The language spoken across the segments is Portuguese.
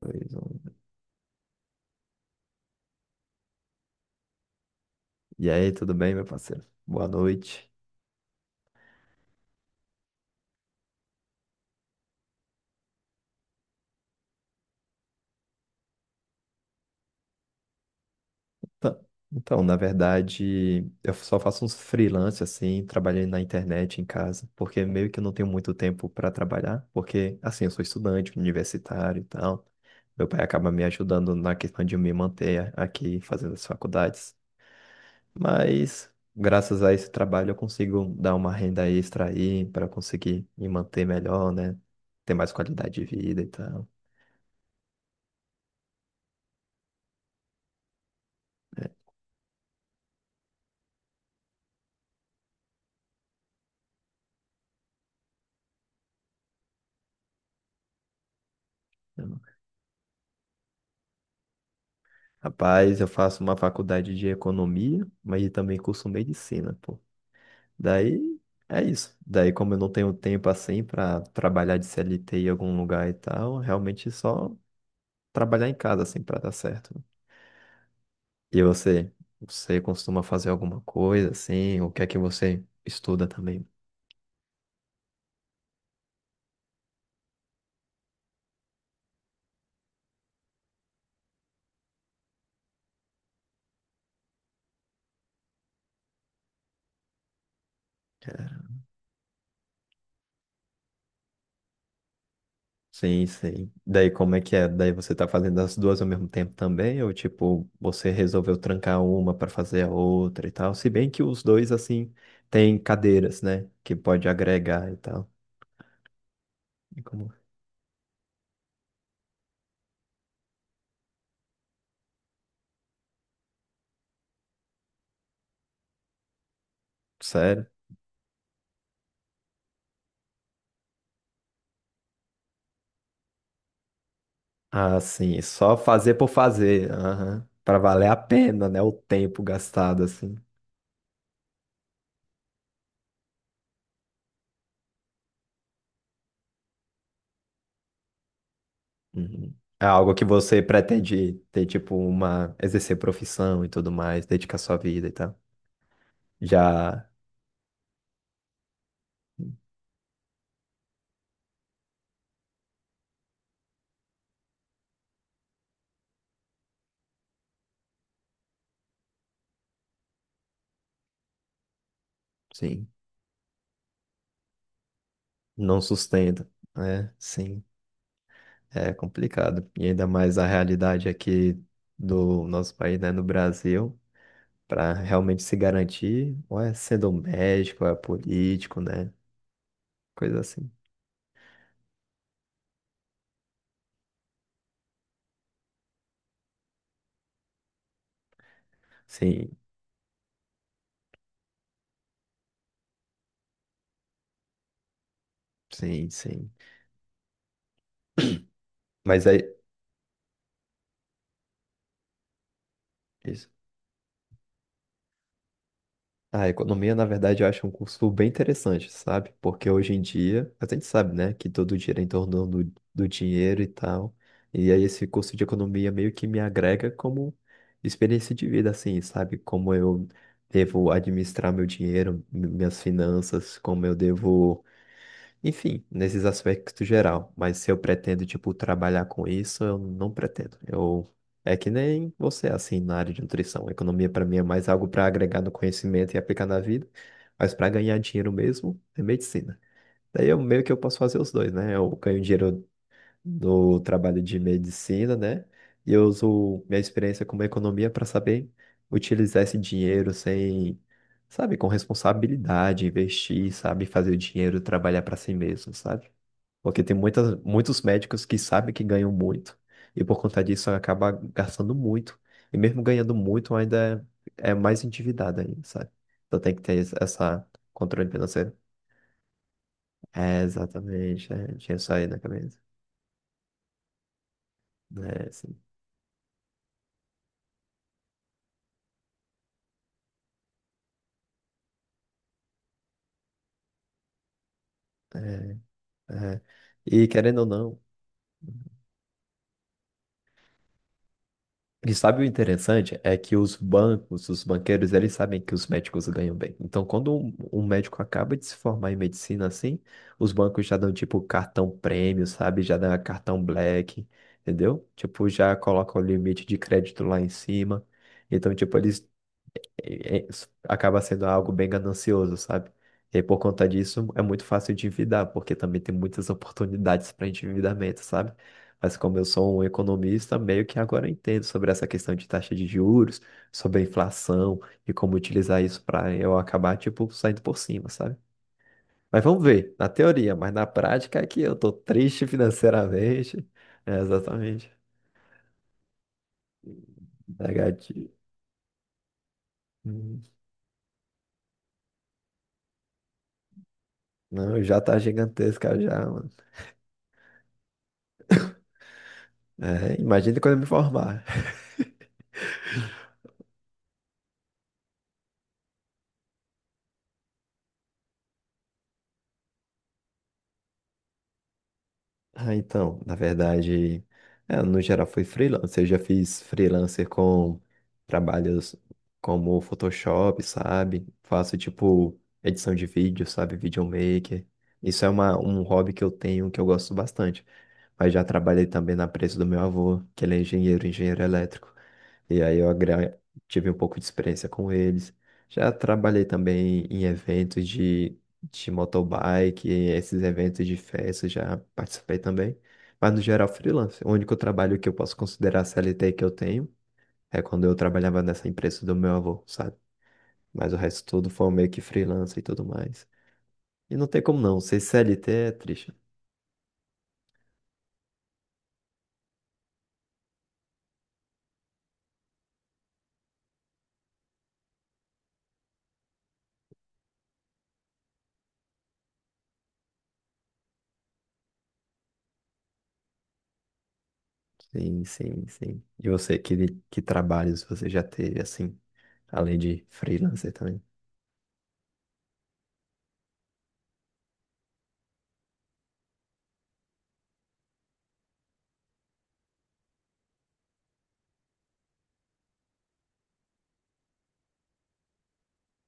Dois, um. E aí, tudo bem, meu parceiro? Boa noite. Tá. Então, na verdade, eu só faço uns freelance assim, trabalhando na internet em casa, porque meio que eu não tenho muito tempo para trabalhar, porque assim, eu sou estudante, universitário e tal. Meu pai acaba me ajudando na questão de me manter aqui fazendo as faculdades. Mas graças a esse trabalho eu consigo dar uma renda extra aí para conseguir me manter melhor, né? Ter mais qualidade de vida e tal. Né? Rapaz, eu faço uma faculdade de economia, mas também curso medicina, pô. Daí é isso. Daí, como eu não tenho tempo assim para trabalhar de CLT em algum lugar e tal, realmente só trabalhar em casa assim para dar certo. E você, você costuma fazer alguma coisa assim? O que é que você estuda também? Sim, sim. Daí como é que é? Daí você tá fazendo as duas ao mesmo tempo também? Ou tipo, você resolveu trancar uma para fazer a outra e tal? Se bem que os dois, assim, têm cadeiras, né? Que pode agregar e tal. E como- Sério? Ah, sim. Só fazer por fazer. Aham. Para valer a pena, né? O tempo gastado, assim. Uhum. É algo que você pretende ter, tipo, uma... Exercer profissão e tudo mais, dedicar sua vida e tal. Já, sim, não sustenta. Né, sim. É complicado. E ainda mais a realidade aqui do nosso país, né, no Brasil, para realmente se garantir, ou é sendo um médico, ou é político, né? Coisa assim. Sim, sim, sim. Mas aí. Isso. A economia, na verdade, eu acho um curso bem interessante, sabe? Porque hoje em dia, a gente sabe, né, que todo o é em torno do dinheiro e tal. E aí esse curso de economia meio que me agrega como experiência de vida, assim, sabe? Como eu devo administrar meu dinheiro, minhas finanças, como eu devo enfim, nesses aspectos geral. Mas se eu pretendo, tipo, trabalhar com isso, eu não pretendo. Eu... É que nem você, assim, na área de nutrição. Economia, para mim, é mais algo para agregar no conhecimento e aplicar na vida. Mas para ganhar dinheiro mesmo, é medicina. Daí eu meio que eu posso fazer os dois, né? Eu ganho dinheiro no trabalho de medicina, né? E eu uso minha experiência como economia para saber utilizar esse dinheiro sem, sabe, com responsabilidade, investir, sabe, fazer o dinheiro trabalhar para si mesmo, sabe? Porque tem muitas, muitos médicos que sabem que ganham muito e por conta disso acaba gastando muito. E mesmo ganhando muito, ainda é mais endividado ainda, sabe? Então tem que ter essa controle financeiro. É, exatamente. É, tinha isso aí na cabeça. Né, assim, é, sim. É. E querendo ou não, e sabe o interessante é que os bancos, os banqueiros, eles sabem que os médicos ganham bem. Então, quando um médico acaba de se formar em medicina assim, os bancos já dão tipo cartão prêmio, sabe? Já dão cartão black, entendeu? Tipo, já colocam o limite de crédito lá em cima. Então, tipo, é- acaba sendo algo bem ganancioso, sabe? E aí, por conta disso, é muito fácil de endividar, porque também tem muitas oportunidades para endividamento, sabe? Mas como eu sou um economista, meio que agora eu entendo sobre essa questão de taxa de juros, sobre a inflação e como utilizar isso para eu acabar, tipo, saindo por cima, sabe? Mas vamos ver, na teoria, mas na prática é que eu tô triste financeiramente. É, exatamente. Negativo. Hum. Não, já tá gigantesca já, mano. É, imagina quando eu me formar. Ah, então, na verdade, é, no geral foi freelancer. Eu já fiz freelancer com trabalhos como Photoshop, sabe? Faço tipo edição de vídeo, sabe? Videomaker. Isso é um hobby que eu tenho, que eu gosto bastante. Mas já trabalhei também na empresa do meu avô, que ele é engenheiro, engenheiro elétrico. E aí tive um pouco de experiência com eles. Já trabalhei também em eventos de motobike, esses eventos de festa, já participei também. Mas no geral, freelance. O único trabalho que eu posso considerar CLT que eu tenho é quando eu trabalhava nessa empresa do meu avô, sabe? Mas o resto tudo foi meio que freelance e tudo mais. E não tem como não, ser CLT é triste. Sim, sim, sim. E você, que trabalhos você já teve, assim, além de freelancer também?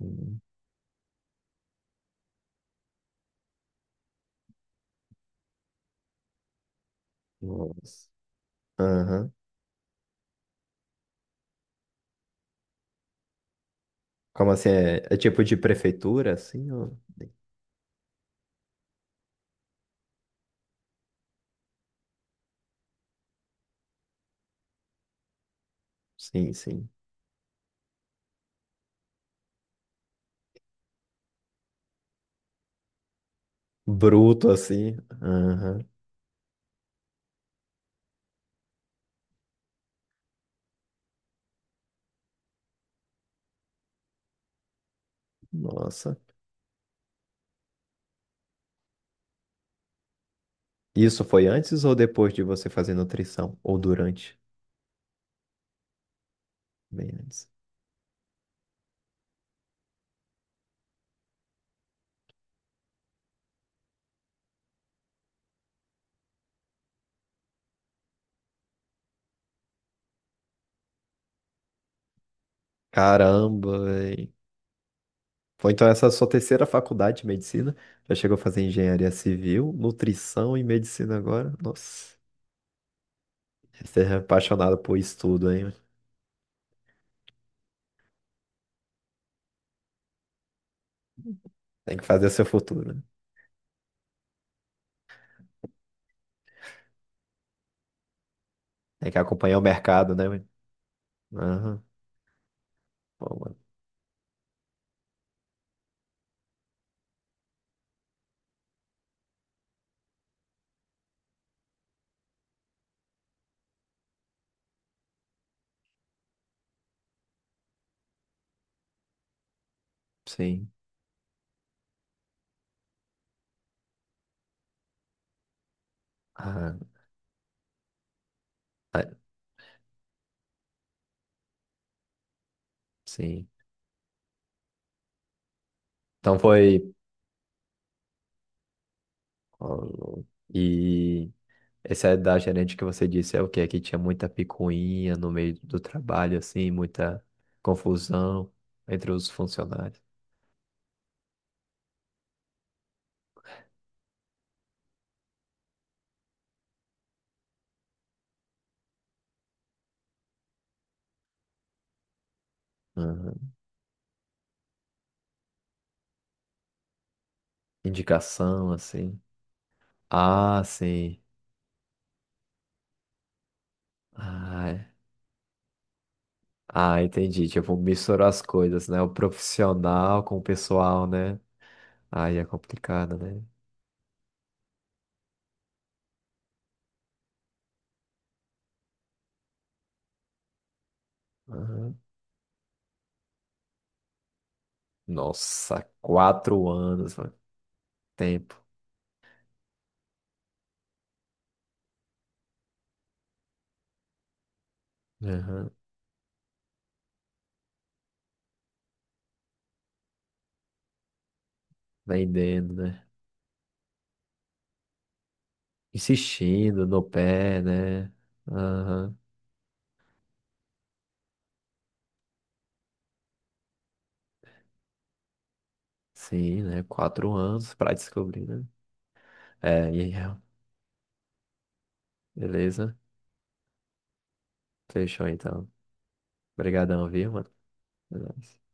Hum. Nossa. Aham. Como assim? É, é tipo de prefeitura, assim? Ou... Sim, sim. Bruto assim. Aham. Nossa. Isso foi antes ou depois de você fazer nutrição? Ou durante? Bem antes. Caramba, véi. Foi então essa sua terceira faculdade de medicina? Já chegou a fazer engenharia civil, nutrição e medicina agora? Nossa. Você é apaixonado por estudo, hein? Tem que fazer seu futuro, né? Tem que acompanhar o mercado, né? Mano? Aham. Bom, mano. Sim. Ah, ah, sim. Então foi. Ó, e esse é da gerente que você disse, é o quê? Que tinha muita picuinha no meio do trabalho, assim, muita confusão entre os funcionários. Aham. Indicação, assim. Ah, sim. Ah, é. Ah, entendi. Tipo, misturar as coisas, né? O profissional com o pessoal, né? Aí é complicado, né? Aham. Nossa, quatro anos, mano. Tempo. Aham. Vendendo, né? Insistindo no pé, né? Aham. Sim, né? Quatro anos pra descobrir, né? É, e aí, beleza? Fechou então. Obrigadão, viu, mano? É nóis.